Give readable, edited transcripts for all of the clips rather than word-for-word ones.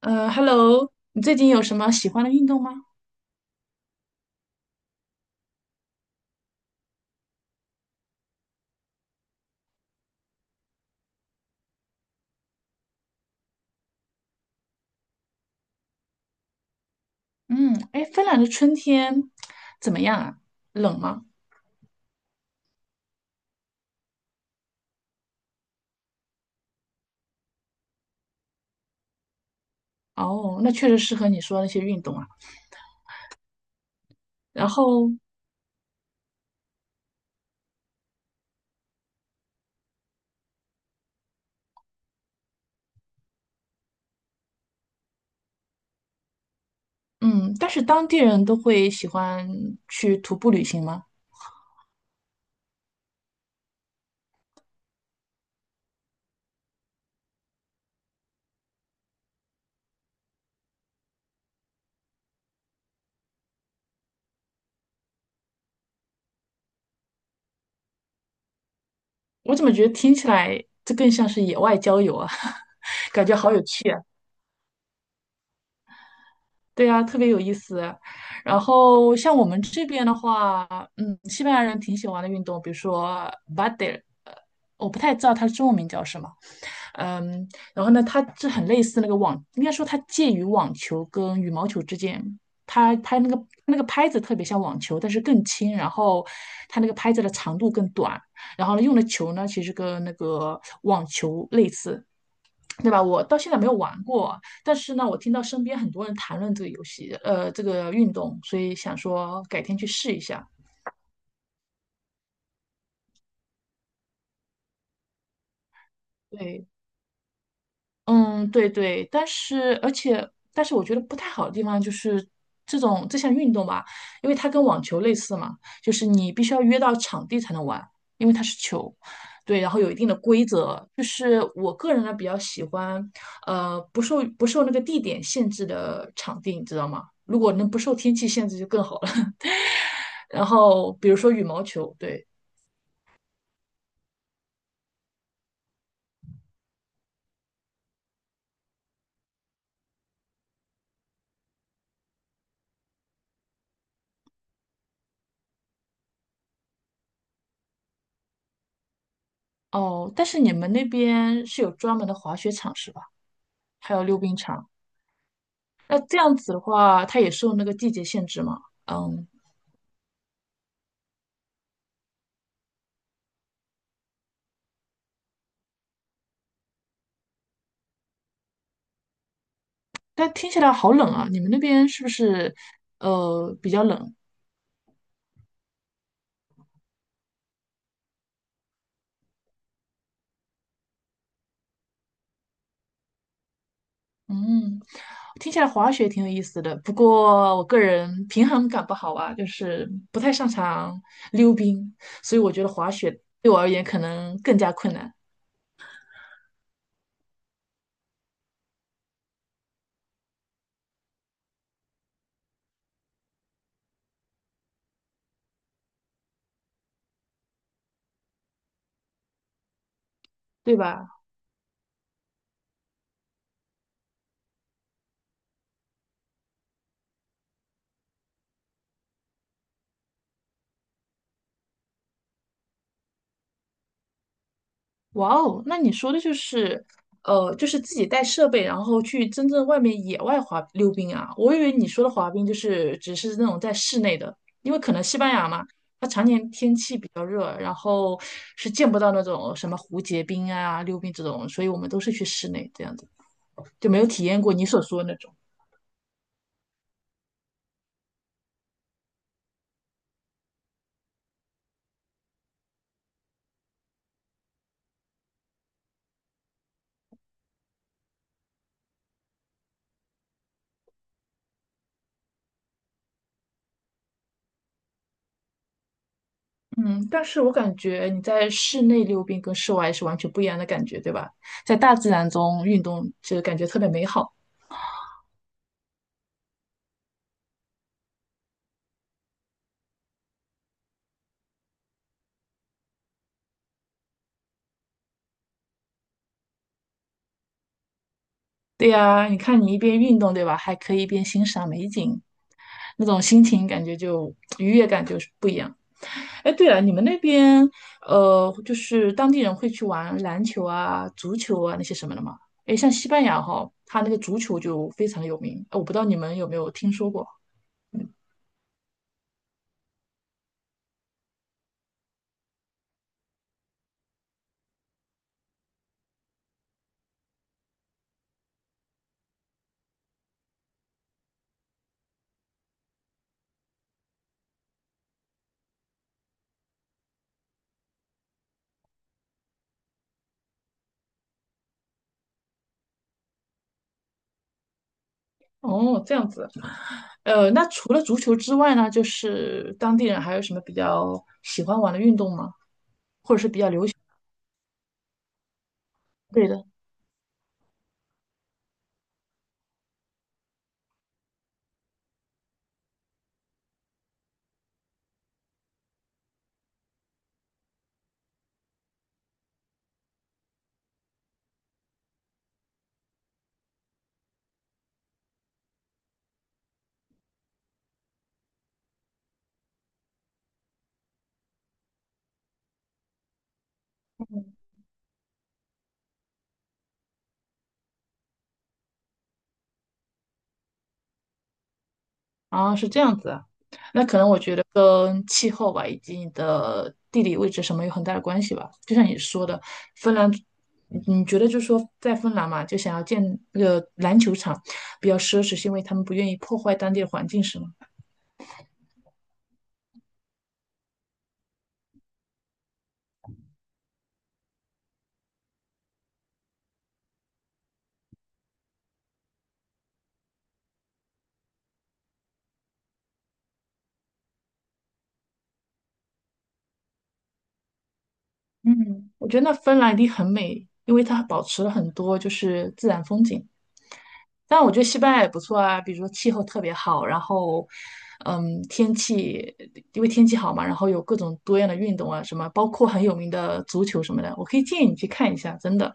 Hello，你最近有什么喜欢的运动吗？嗯，哎，芬兰的春天怎么样啊？冷吗？哦，那确实适合你说的那些运动啊。然后，嗯，但是当地人都会喜欢去徒步旅行吗？我怎么觉得听起来这更像是野外郊游啊？感觉好有趣啊！对啊，特别有意思啊。然后像我们这边的话，嗯，西班牙人挺喜欢的运动，比如说 b a d e 我不太知道它的中文名叫什么。嗯，然后呢，它这很类似那个网，应该说它介于网球跟羽毛球之间。它拍那个拍子特别像网球，但是更轻，然后它那个拍子的长度更短，然后呢用的球呢其实跟那个网球类似，对吧？我到现在没有玩过，但是呢我听到身边很多人谈论这个游戏，这个运动，所以想说改天去试一下。对，嗯，对对，但是而且，但是我觉得不太好的地方就是这种这项运动吧，因为它跟网球类似嘛，就是你必须要约到场地才能玩，因为它是球，对，然后有一定的规则。就是我个人呢比较喜欢，呃，不受那个地点限制的场地，你知道吗？如果能不受天气限制就更好了。然后比如说羽毛球，对，哦，但是你们那边是有专门的滑雪场是吧？还有溜冰场。那这样子的话，它也受那个季节限制嘛？嗯，但听起来好冷啊！你们那边是不是比较冷？嗯，听起来滑雪挺有意思的，不过我个人平衡感不好啊，就是不太擅长溜冰，所以我觉得滑雪对我而言可能更加困难，对吧？哇哦，那你说的就是，呃，就是自己带设备，然后去真正外面野外滑溜冰啊。我以为你说的滑冰就是只是那种在室内的，因为可能西班牙嘛，它常年天气比较热，然后是见不到那种什么蝴蝶冰啊、溜冰这种，所以我们都是去室内这样子，就没有体验过你所说的那种。嗯，但是我感觉你在室内溜冰跟室外是完全不一样的感觉，对吧？在大自然中运动，就感觉特别美好。对呀，你看你一边运动，对吧？还可以一边欣赏美景，那种心情感觉就愉悦感就是不一样。哎，对了，你们那边就是当地人会去玩篮球啊、足球啊那些什么的吗？哎，像西班牙哈，它那个足球就非常有名，我不知道你们有没有听说过。嗯哦，这样子。那除了足球之外呢，就是当地人还有什么比较喜欢玩的运动吗？对的。啊，是这样子啊，那可能我觉得跟气候吧，以及你的地理位置什么有很大的关系吧。就像你说的，芬兰，你觉得就是说在芬兰嘛，就想要建那个篮球场，比较奢侈，是因为他们不愿意破坏当地的环境，是吗？嗯，我觉得那芬兰一定很美，因为它保持了很多就是自然风景。但我觉得西班牙也不错啊，比如说气候特别好，然后，嗯，天气因为天气好嘛，然后有各种多样的运动啊，什么包括很有名的足球什么的，我可以建议你去看一下，真的。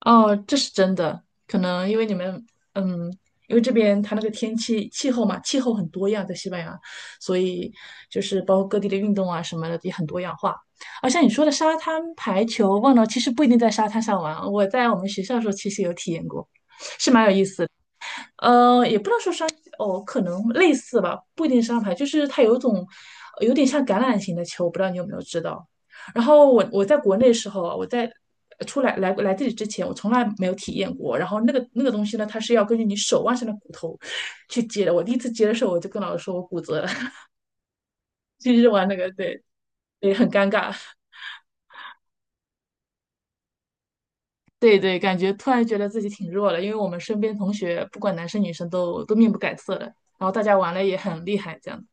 哦，这是真的，可能因为你们，嗯，因为这边它那个天气气候嘛，气候很多样，在西班牙，所以就是包括各地的运动啊什么的也很多样化。而像你说的沙滩排球，忘了，其实不一定在沙滩上玩，我在我们学校的时候其实有体验过。嗯，也不能说商哦，可能类似吧，不一定是商牌，就是它有一种有点像橄榄型的球，不知道你有没有知道。然后我在国内的时候啊，我在出来这里之前，我从来没有体验过。然后那个东西呢，它是要根据你手腕上的骨头去接的。我第一次接的时候，我就跟老师说我骨折了，就是玩那个，对，也很尴尬。对对，感觉突然觉得自己挺弱了，因为我们身边同学不管男生女生都面不改色的，然后大家玩的也很厉害，这样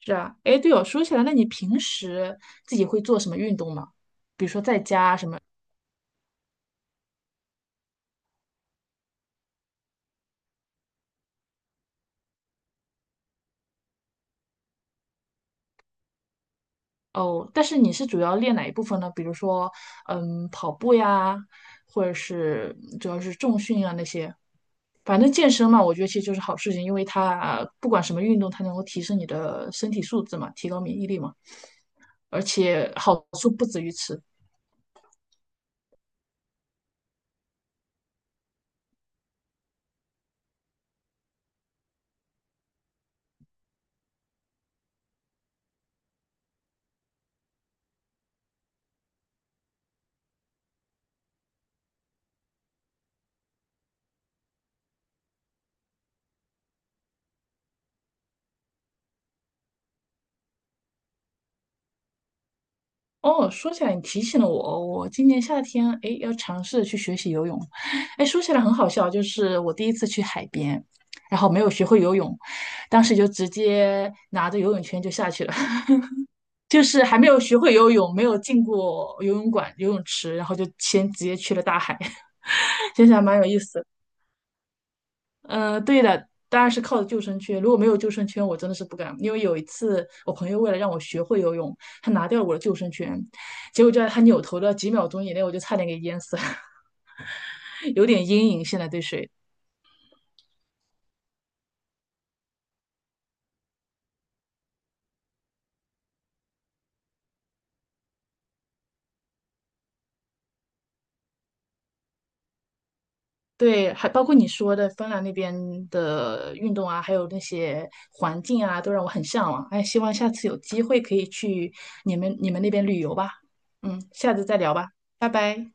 是啊，哎，对哦，说起来，那你平时自己会做什么运动吗？比如说在家什么？哦，但是你是主要练哪一部分呢？比如说，嗯，跑步呀，或者是主要是重训啊那些。反正健身嘛，我觉得其实就是好事情，因为它不管什么运动，它能够提升你的身体素质嘛，提高免疫力嘛，而且好处不止于此。哦，说起来你提醒了我哦我今年夏天诶要尝试去学习游泳。诶，说起来很好笑，就是我第一次去海边，然后没有学会游泳，当时就直接拿着游泳圈就下去了，就是还没有学会游泳，没有进过游泳馆、游泳池，然后就先直接去了大海，其实还蛮有意思的。嗯，对的，当然是靠着救生圈。如果没有救生圈，我真的是不敢。因为有一次，我朋友为了让我学会游泳，他拿掉了我的救生圈，结果就在他扭头的几秒钟以内，我就差点给淹死了，有点阴影。现在对水，对，还包括你说的芬兰那边的运动啊，还有那些环境啊，都让我很向往。哎，希望下次有机会可以去你们那边旅游吧。嗯，下次再聊吧，拜拜。